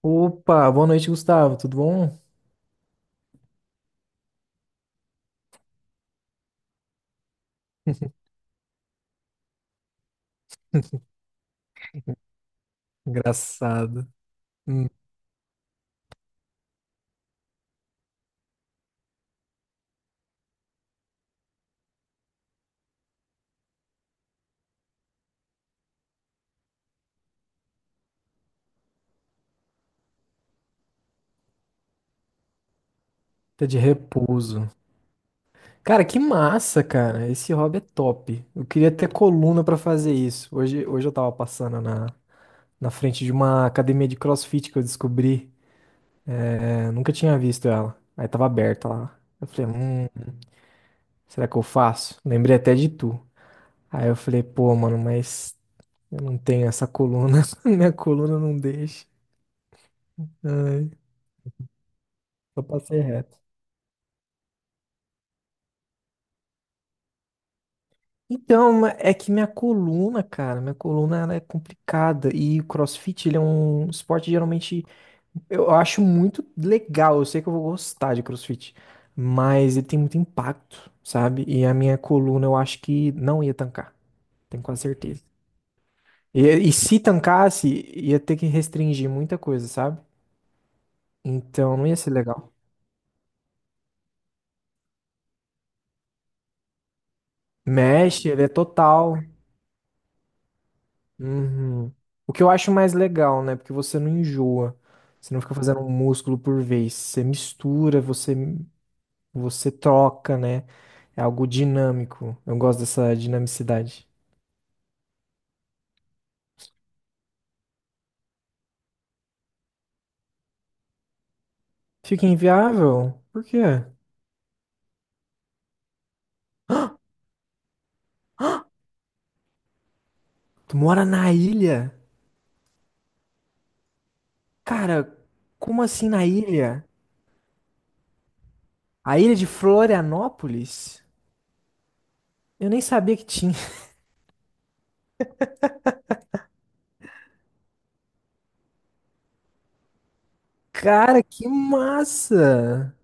Opa, boa noite, Gustavo. Tudo bom? Engraçado. Hum, tá de repouso. Cara, que massa, cara. Esse hobby é top. Eu queria ter coluna pra fazer isso. Hoje eu tava passando na frente de uma academia de CrossFit que eu descobri. É, nunca tinha visto ela. Aí tava aberta lá. Eu falei, será que eu faço? Lembrei até de tu. Aí eu falei, pô, mano, mas eu não tenho essa coluna. Minha coluna não deixa. Ai, só passei reto. Então, é que minha coluna, cara, minha coluna ela é complicada e o CrossFit ele é um esporte geralmente eu acho muito legal, eu sei que eu vou gostar de CrossFit, mas ele tem muito impacto, sabe? E a minha coluna eu acho que não ia tancar, tenho quase certeza. E, e se tancasse, ia ter que restringir muita coisa, sabe? Então não ia ser legal. Mexe, ele é total. Uhum. O que eu acho mais legal, né? Porque você não enjoa. Você não fica fazendo um músculo por vez. Você mistura, você troca, né? É algo dinâmico. Eu gosto dessa dinamicidade. Fica inviável? Por quê? Tu mora na ilha? Cara, como assim na ilha? A ilha de Florianópolis? Eu nem sabia que tinha. Cara, que massa!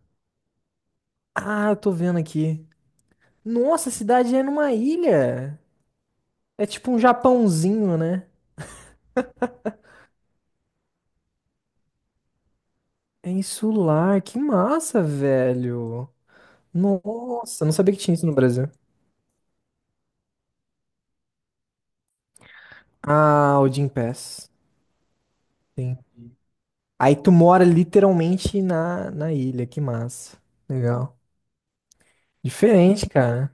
Ah, eu tô vendo aqui. Nossa, a cidade é numa ilha. É tipo um Japãozinho, né? É insular, que massa, velho. Nossa, não sabia que tinha isso no Brasil. Ah, o Gym Pass. Sim. Aí tu mora literalmente na ilha, que massa. Legal. Diferente, cara.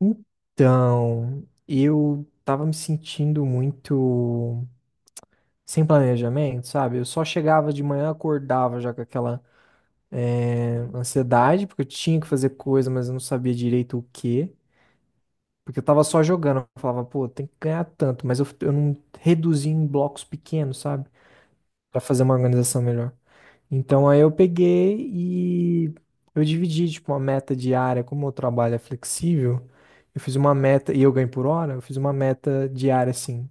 Então, eu tava me sentindo muito sem planejamento, sabe? Eu só chegava de manhã, acordava já com aquela ansiedade, porque eu tinha que fazer coisa, mas eu não sabia direito o quê. Porque eu tava só jogando. Eu falava, pô, tem que ganhar tanto, mas eu não reduzi em blocos pequenos, sabe? Pra fazer uma organização melhor. Então aí eu peguei e eu dividi, tipo, uma meta diária. Como o trabalho é flexível, eu fiz uma meta, e eu ganho por hora, eu fiz uma meta diária, assim.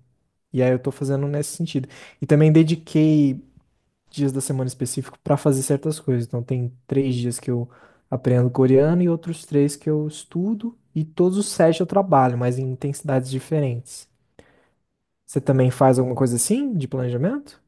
E aí eu tô fazendo nesse sentido. E também dediquei dias da semana específico para fazer certas coisas. Então, tem três dias que eu aprendo coreano e outros três que eu estudo, e todos os sete eu trabalho, mas em intensidades diferentes. Você também faz alguma coisa assim de planejamento?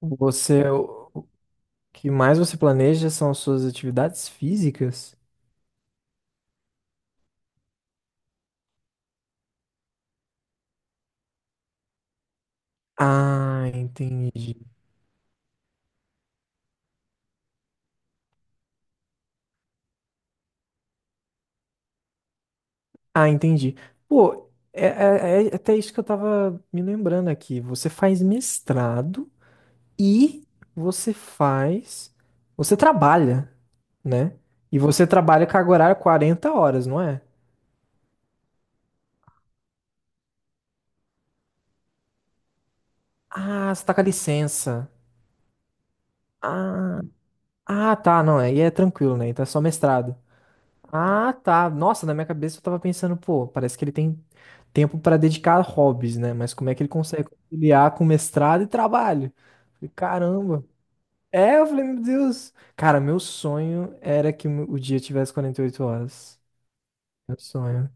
Você, o que mais você planeja são as suas atividades físicas? Ah, entendi. Ah, entendi. Pô, é até isso que eu tava me lembrando aqui. Você faz mestrado e você faz, você trabalha, né? E você trabalha carga horária 40 horas, não é? Ah, você tá com a licença. Ah, ah, tá, não, aí é tranquilo, né? Então é só mestrado. Ah, tá. Nossa, na minha cabeça eu tava pensando, pô, parece que ele tem tempo pra dedicar a hobbies, né? Mas como é que ele consegue conciliar com mestrado e trabalho? Falei, caramba. É, eu falei, meu Deus. Cara, meu sonho era que o dia tivesse 48 horas. Meu sonho.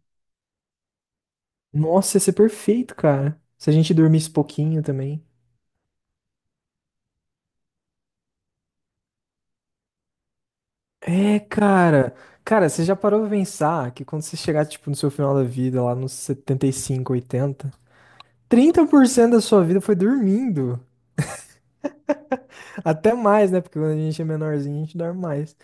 Nossa, ia ser perfeito, cara. Se a gente dormisse pouquinho também. É, cara. Cara, você já parou pra pensar que quando você chegar, tipo, no seu final da vida, lá nos 75, 80, 30% da sua vida foi dormindo. Até mais, né? Porque quando a gente é menorzinho, a gente dorme mais.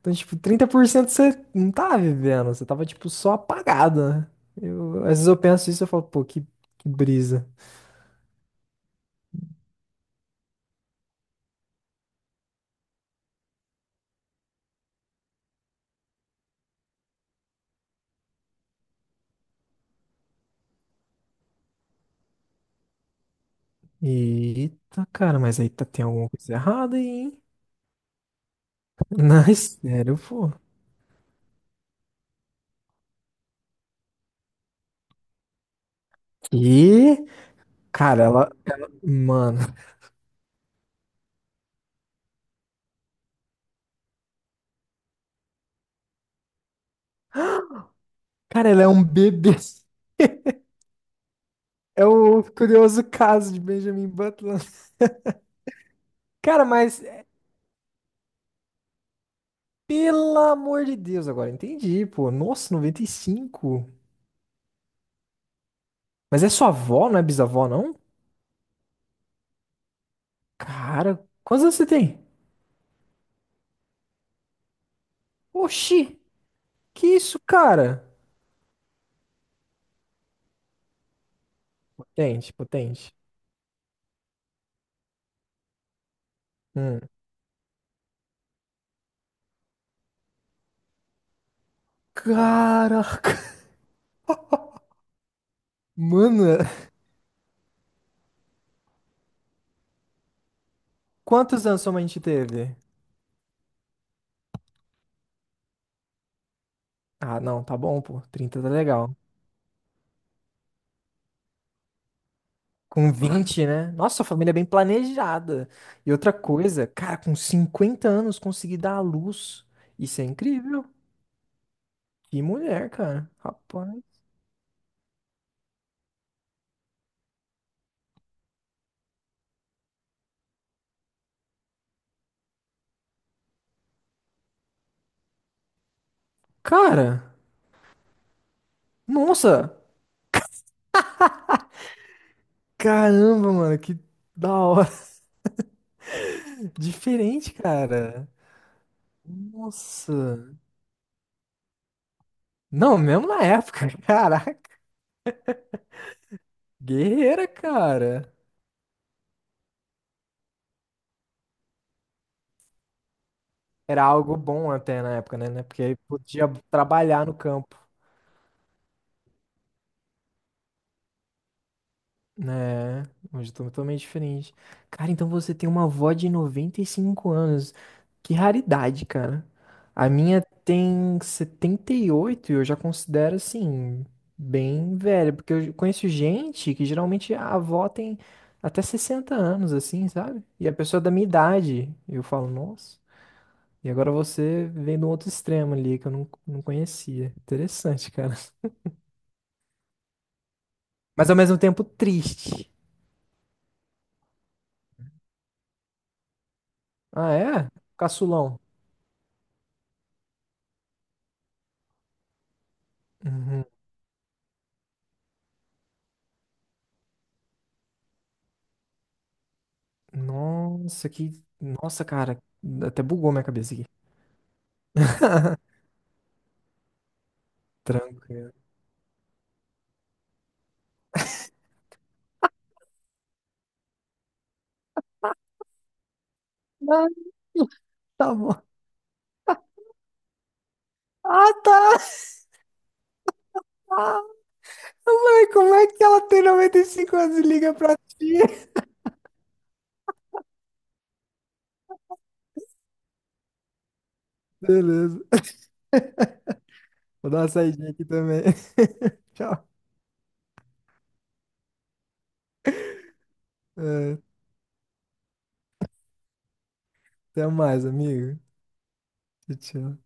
Então, tipo, 30% você não tava vivendo, você tava, tipo, só apagado, né? Eu, às vezes eu penso isso e eu falo, pô, que brisa. Eita, cara, mas aí tá, tem alguma coisa errada aí, hein? Não, é sério, pô. E, cara, ela. Mano. Cara, ela é um bebê. É o curioso caso de Benjamin Butler. Cara, mas pelo amor de Deus, agora entendi, pô. Nossa, 95. Mas é sua avó, não é bisavó, não? Cara, quantos anos você tem? Oxi, que isso, cara? Potente, potente. Hum. Caraca. Mano, quantos anos sua mãe te teve? Ah, não, tá bom, pô. 30 tá legal. Com 20 né? Nossa, a família é bem planejada. E outra coisa, cara, com 50 anos conseguir dar à luz. Isso é incrível. Que mulher, cara. Rapaz. Cara, nossa. Caramba, mano, que da hora. Diferente, cara. Nossa. Não, mesmo na época. Caraca. Guerreira, cara. Era algo bom até na época, né? né? Porque aí podia trabalhar no campo. É, hoje eu tô totalmente diferente. Cara, então você tem uma avó de 95 anos. Que raridade, cara. A minha tem 78 e eu já considero assim, bem velha, porque eu conheço gente que geralmente a avó tem até 60 anos, assim, sabe? E a pessoa é da minha idade. E eu falo, nossa. E agora você vem do outro extremo ali que eu não conhecia. Interessante, cara. Mas ao mesmo tempo triste. Ah, é? Caçulão. Uhum. Nossa, que. Nossa, cara, até bugou minha cabeça aqui. Tranquilo. Ah, tá bom. Ah, tá. Ah, mãe, como é que ela tem 95 anos e liga pra ti? Beleza. Vou dar uma saidinha aqui também. Tchau. É, até mais, amigo. Tchau. Tchau.